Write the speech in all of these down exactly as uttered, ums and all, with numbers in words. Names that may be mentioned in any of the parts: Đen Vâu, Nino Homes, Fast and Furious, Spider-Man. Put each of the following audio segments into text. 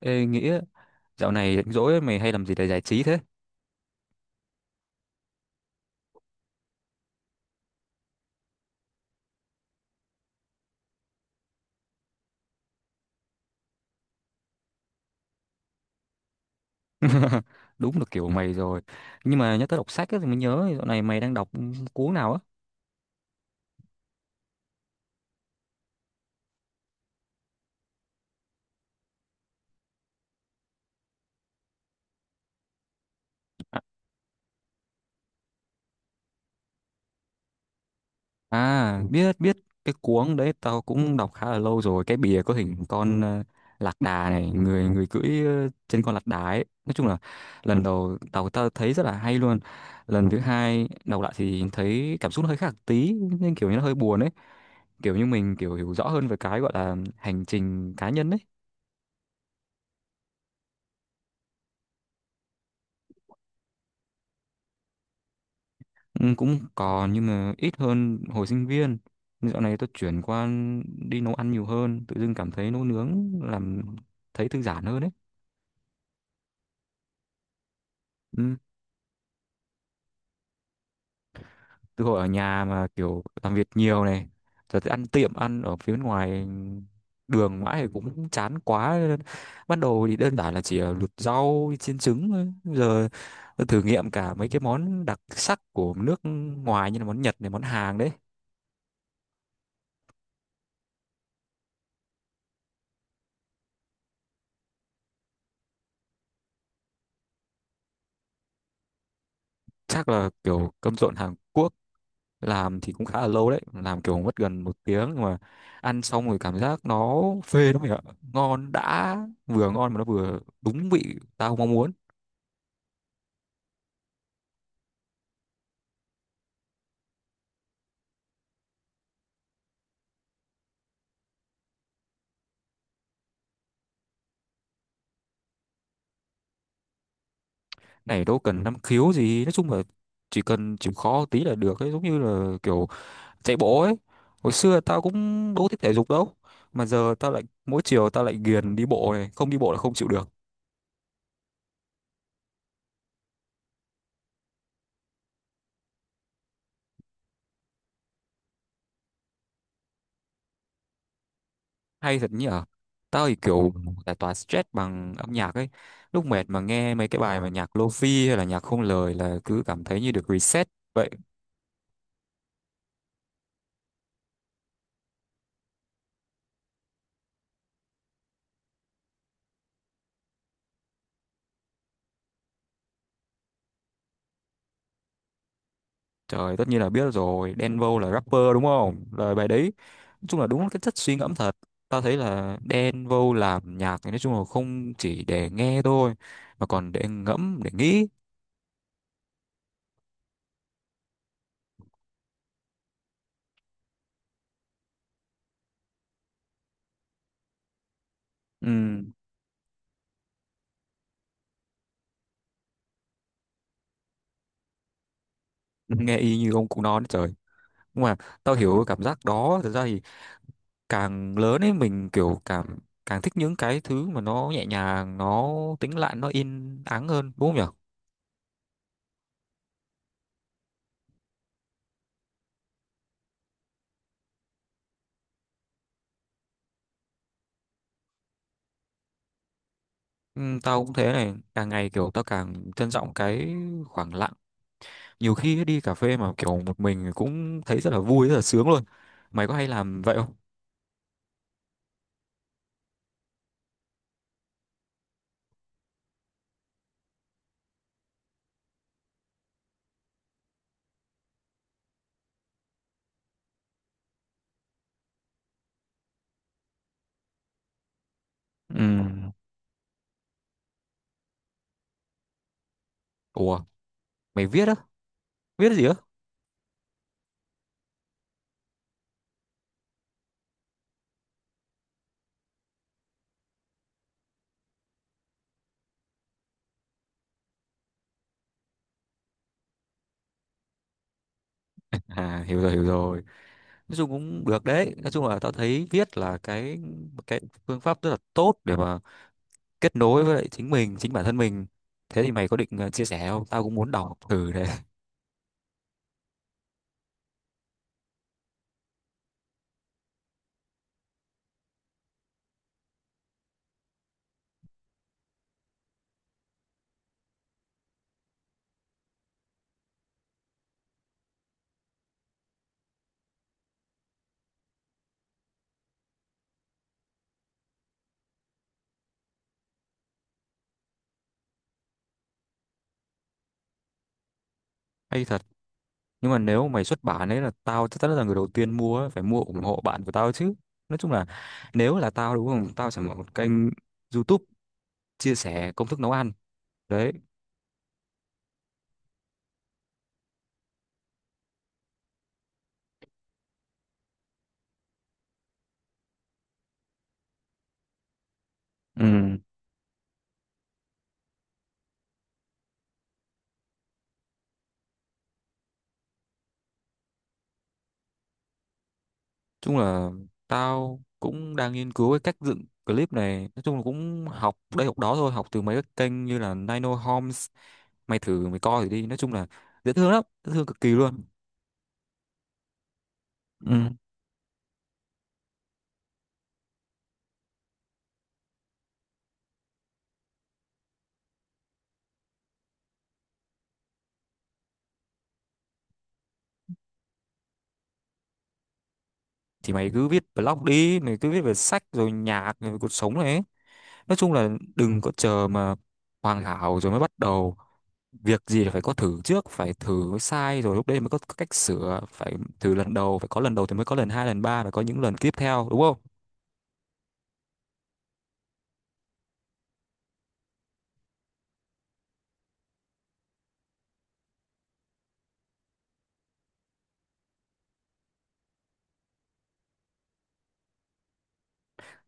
Ê, Nghĩa, dạo này rảnh rỗi mày hay làm gì để giải trí thế? Đúng là kiểu mày rồi. Nhưng mà nhắc tới đọc sách ấy, thì mới nhớ dạo này mày đang đọc cuốn nào á? À, biết biết, cái cuốn đấy tao cũng đọc khá là lâu rồi. Cái bìa có hình con ờ, lạc đà này, người người cưỡi ờ, trên con lạc đà ấy. Nói chung là lần đầu tao tao thấy rất là hay luôn. Lần thứ hai đọc lại thì thấy cảm xúc nó hơi khác tí, nên kiểu như nó hơi buồn ấy. Kiểu như mình kiểu hiểu rõ hơn về cái gọi là hành trình cá nhân ấy. Ừ, cũng còn nhưng mà ít hơn hồi sinh viên. Nhưng dạo này tôi chuyển qua đi nấu ăn nhiều hơn, tự dưng cảm thấy nấu nướng làm thấy thư giãn hơn đấy. Ừ. Từ hồi ở nhà mà kiểu làm việc nhiều này, giờ thì ăn tiệm, ăn ở phía bên ngoài đường mãi thì cũng chán quá. Ban đầu thì đơn giản là chỉ luộc rau chiên trứng thôi. Bây giờ tôi thử nghiệm cả mấy cái món đặc sắc của nước ngoài, như là món Nhật này, món Hàn đấy. Chắc là kiểu cơm trộn Hàn Quốc, làm thì cũng khá là lâu đấy, làm kiểu mất gần một tiếng, nhưng mà ăn xong rồi cảm giác nó phê lắm mày ạ, ngon đã, vừa ngon mà nó vừa đúng vị tao mong muốn. Này đâu cần năng khiếu gì, nói chung là chỉ cần chịu khó tí là được ấy, giống như là kiểu chạy bộ ấy. Hồi xưa tao cũng đâu thích thể dục đâu, mà giờ tao lại mỗi chiều tao lại ghiền đi bộ này, không đi bộ là không chịu được. Hay thật nhỉ, tao thì kiểu giải tỏa stress bằng âm nhạc ấy, lúc mệt mà nghe mấy cái bài mà nhạc lofi hay là nhạc không lời là cứ cảm thấy như được reset vậy. Trời, tất nhiên là biết rồi, Đen Vâu là rapper đúng không, lời bài đấy nói chung là đúng cái chất suy ngẫm thật. Tao thấy là Đen Vâu làm nhạc thì nói chung là không chỉ để nghe thôi mà còn để ngẫm để nghĩ. Ừm. Nghe y như ông cụ non đấy trời, nhưng mà tao hiểu cái cảm giác đó. Thật ra thì càng lớn ấy mình kiểu cảm càng thích những cái thứ mà nó nhẹ nhàng, nó tĩnh lặng, nó yên ắng hơn đúng không nhở. Ừ, tao cũng thế, này càng ngày kiểu tao càng trân trọng cái khoảng lặng, nhiều khi ấy, đi cà phê mà kiểu một mình cũng thấy rất là vui, rất là sướng luôn. Mày có hay làm vậy không? Ừ. Ủa, mày viết á? Viết gì á? À, hiểu rồi hiểu rồi, nói chung cũng được đấy. Nói chung là tao thấy viết là cái một cái phương pháp rất là tốt để mà kết nối với lại chính mình, chính bản thân mình. Thế thì mày có định ờ, chia sẻ không, tao cũng muốn đọc thử đấy. Hay thật, nhưng mà nếu mày xuất bản ấy là tao chắc chắn là người đầu tiên mua ấy, phải mua ủng hộ bạn của tao chứ. Nói chung là nếu là tao đúng không, tao sẽ mở một kênh YouTube chia sẻ công thức nấu ăn đấy. Ừ, nói chung là tao cũng đang nghiên cứu cái cách dựng clip này, nói chung là cũng học đây học đó thôi, học từ mấy cái kênh như là Nino Homes. Mày thử mày coi thử đi, nói chung là dễ thương lắm, dễ thương cực kỳ luôn. Ừ thì mày cứ viết blog đi, mày cứ viết về sách rồi nhạc rồi cuộc sống này ấy. Nói chung là đừng có chờ mà hoàn hảo rồi mới bắt đầu, việc gì là phải có thử trước, phải thử mới sai, rồi lúc đấy mới có cách sửa. Phải thử lần đầu, phải có lần đầu thì mới có lần hai lần ba, phải có những lần tiếp theo đúng không.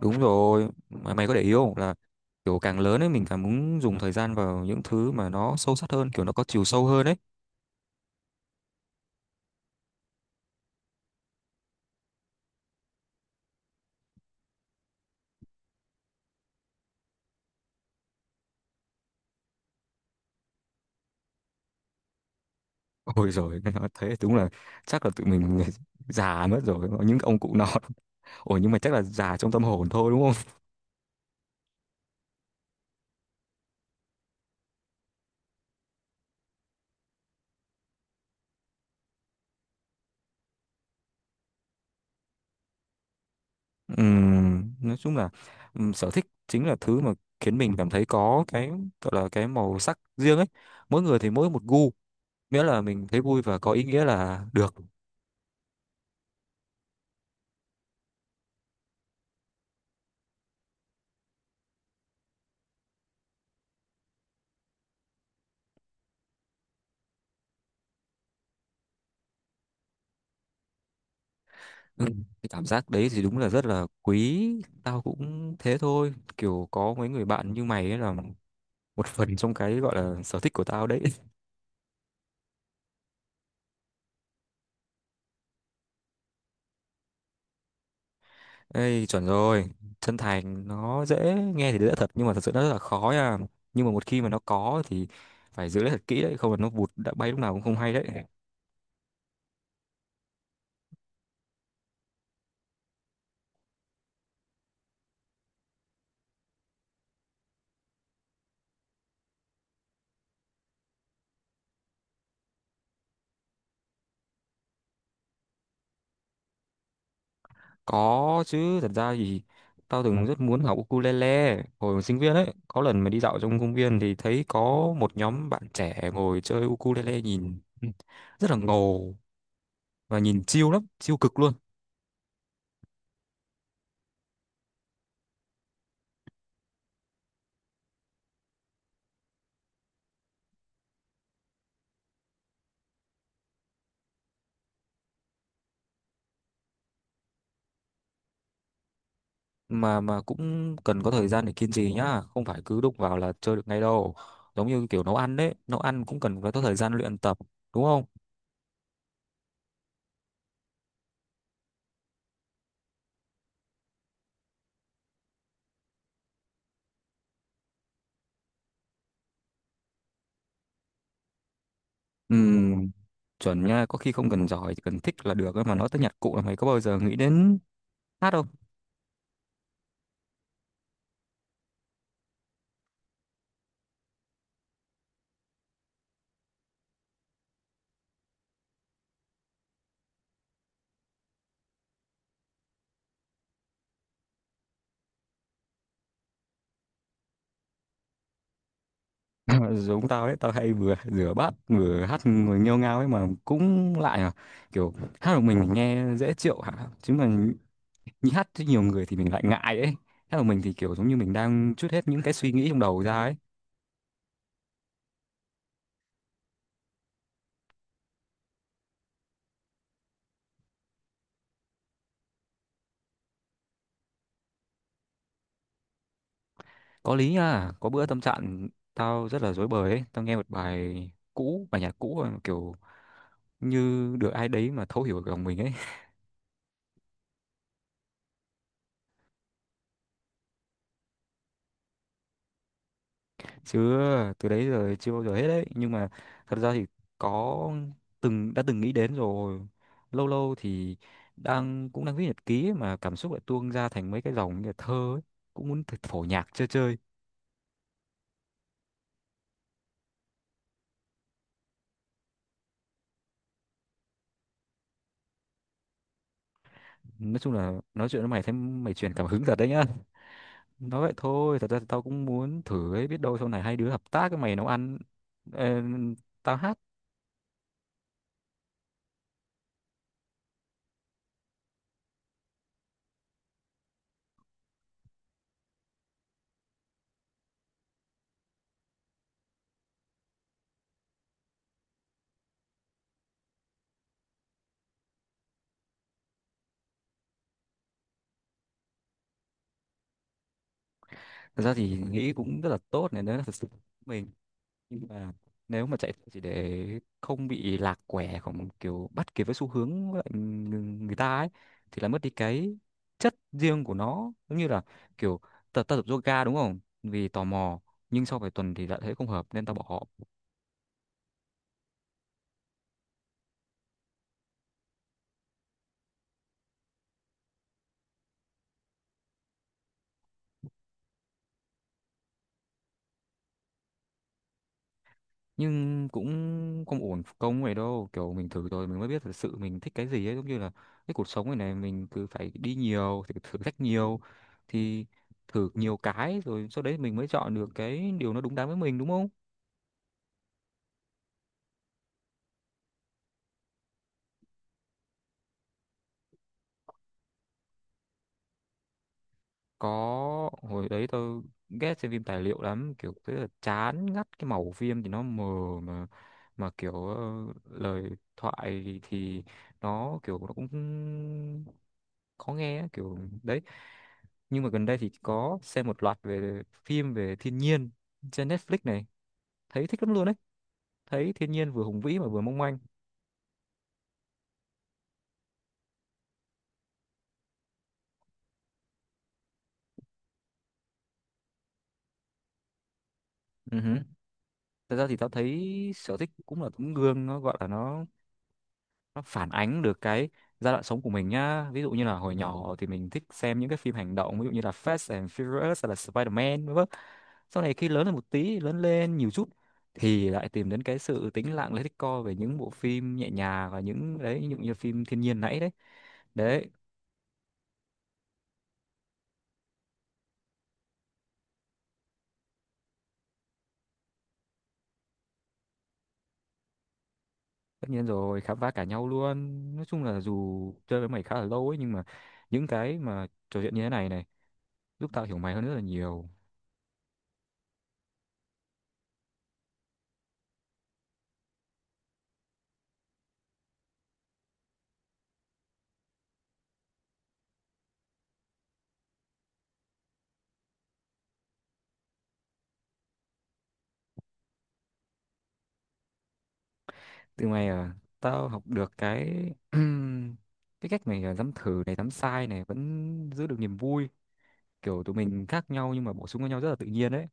Đúng rồi mày, mày có để ý không là kiểu càng lớn ấy mình càng muốn dùng thời gian vào những thứ mà nó sâu sắc hơn, kiểu nó có chiều sâu hơn ấy. Ôi rồi nói thế đúng là chắc là tụi mình già mất rồi, những ông cụ nọ. Ủa nhưng mà chắc là già trong tâm hồn thôi đúng không? Ừm, nói chung là ừm, sở thích chính là thứ mà khiến mình cảm thấy có cái gọi là cái màu sắc riêng ấy. Mỗi người thì mỗi một gu, miễn là mình thấy vui và có ý nghĩa là được. Ừm, cái cảm giác đấy thì đúng là rất là quý. Tao cũng thế thôi, kiểu có mấy người bạn như mày ấy là một phần trong cái gọi là sở thích của tao đấy. Ê, chuẩn rồi. Chân thành nó dễ nghe thì dễ thật nhưng mà thật sự nó rất là khó nha. Nhưng mà một khi mà nó có thì phải giữ lấy thật kỹ đấy, không là nó vụt đã bay lúc nào cũng không hay đấy. Có chứ, thật ra thì tao từng rất muốn học ukulele hồi còn sinh viên ấy. Có lần mà đi dạo trong công viên thì thấy có một nhóm bạn trẻ ngồi chơi ukulele nhìn ừ, rất là ngầu và nhìn chill lắm, chill cực luôn. mà mà cũng cần có thời gian để kiên trì nhá, không phải cứ đụng vào là chơi được ngay đâu. Giống như kiểu nấu ăn đấy, nấu ăn cũng cần phải có thời gian luyện tập đúng không. Ừ, chuẩn nha, có khi không cần giỏi chỉ cần thích là được ấy. Mà nói tới nhặt cụ là mày có bao giờ nghĩ đến hát không? Giống tao đấy, tao hay vừa rửa bát vừa hát người nghêu ngao ấy mà, cũng lại à, kiểu hát một mình mình nghe dễ chịu hả chứ, mà nhí hát với nhiều người thì mình lại ngại ấy. Hát một mình thì kiểu giống như mình đang trút hết những cái suy nghĩ trong đầu ra ấy. Có lý nha, có bữa tâm trạng tao rất là rối bời ấy, tao nghe một bài cũ, bài nhạc cũ mà kiểu như được ai đấy mà thấu hiểu lòng mình ấy. Chứ từ đấy giờ chưa bao giờ hết đấy, nhưng mà thật ra thì có từng đã từng nghĩ đến rồi. Lâu lâu thì đang cũng đang viết nhật ký ấy, mà cảm xúc lại tuôn ra thành mấy cái dòng như là thơ ấy, cũng muốn thử- phổ nhạc chơi chơi. Nói chung là nói chuyện với mày thấy mày truyền cảm hứng thật đấy nhá. Nói vậy thôi, thật ra thì tao cũng muốn thử ấy, biết đâu sau này hai đứa hợp tác, với mày nấu ăn ờ, tao hát. Thật ra thì nghĩ cũng rất là tốt này nếu là thật sự của mình. Nhưng mà nếu mà chạy chỉ để không bị lạc quẻ, không kiểu bắt kịp với xu hướng với lại người người ta ấy thì là mất đi cái chất riêng của nó. Giống như là kiểu tập ta tập yoga đúng không, vì tò mò, nhưng sau vài tuần thì lại thấy không hợp nên tao bỏ. Nhưng cũng không ổn công vậy đâu, kiểu mình thử rồi mình mới biết thật sự mình thích cái gì ấy, giống như là cái cuộc sống này này mình cứ phải đi nhiều thử, thử thách nhiều thì thử nhiều cái rồi sau đấy mình mới chọn được cái điều nó đúng đắn với mình đúng không. Có, hồi đấy tôi ghét xem phim tài liệu lắm, kiểu rất là chán ngắt, cái màu phim thì nó mờ, mà mà kiểu ờ, lời thoại thì nó kiểu nó cũng khó nghe á, kiểu đấy. Nhưng mà gần đây thì có xem một loạt về phim về thiên nhiên trên Netflix này, thấy thích lắm luôn đấy, thấy thiên nhiên vừa hùng vĩ mà vừa mong manh. Ừ hử. Thật ra thì tao thấy sở thích cũng là tấm gương, nó gọi là nó nó phản ánh được cái giai đoạn sống của mình nhá, ví dụ như là hồi nhỏ thì mình thích xem những cái phim hành động, ví dụ như là Fast and Furious hay là Spider-Man vân vân. Sau này khi lớn lên một tí, lớn lên nhiều chút thì lại tìm đến cái sự tĩnh lặng, lấy thích co về những bộ phim nhẹ nhàng và những đấy, ví dụ như phim thiên nhiên nãy đấy đấy. Tất nhiên rồi, khám phá cả nhau luôn. Nói chung là dù chơi với mày khá là lâu ấy, nhưng mà những cái mà trò chuyện như thế này này giúp tao hiểu mày hơn rất là nhiều. Từ mày à, tao học được cái cái cách mày à, dám thử này dám sai này vẫn giữ được niềm vui, kiểu tụi mình khác nhau nhưng mà bổ sung với nhau rất là tự nhiên đấy.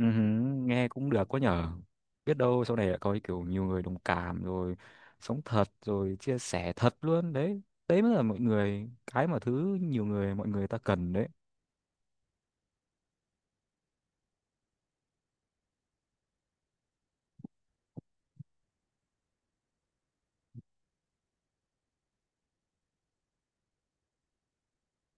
Ừ hứ, nghe cũng được quá nhở, biết đâu sau này lại có kiểu nhiều người đồng cảm rồi, sống thật rồi chia sẻ thật luôn đấy. Đấy mới là mọi người, cái mà thứ nhiều người, mọi người ta cần đấy.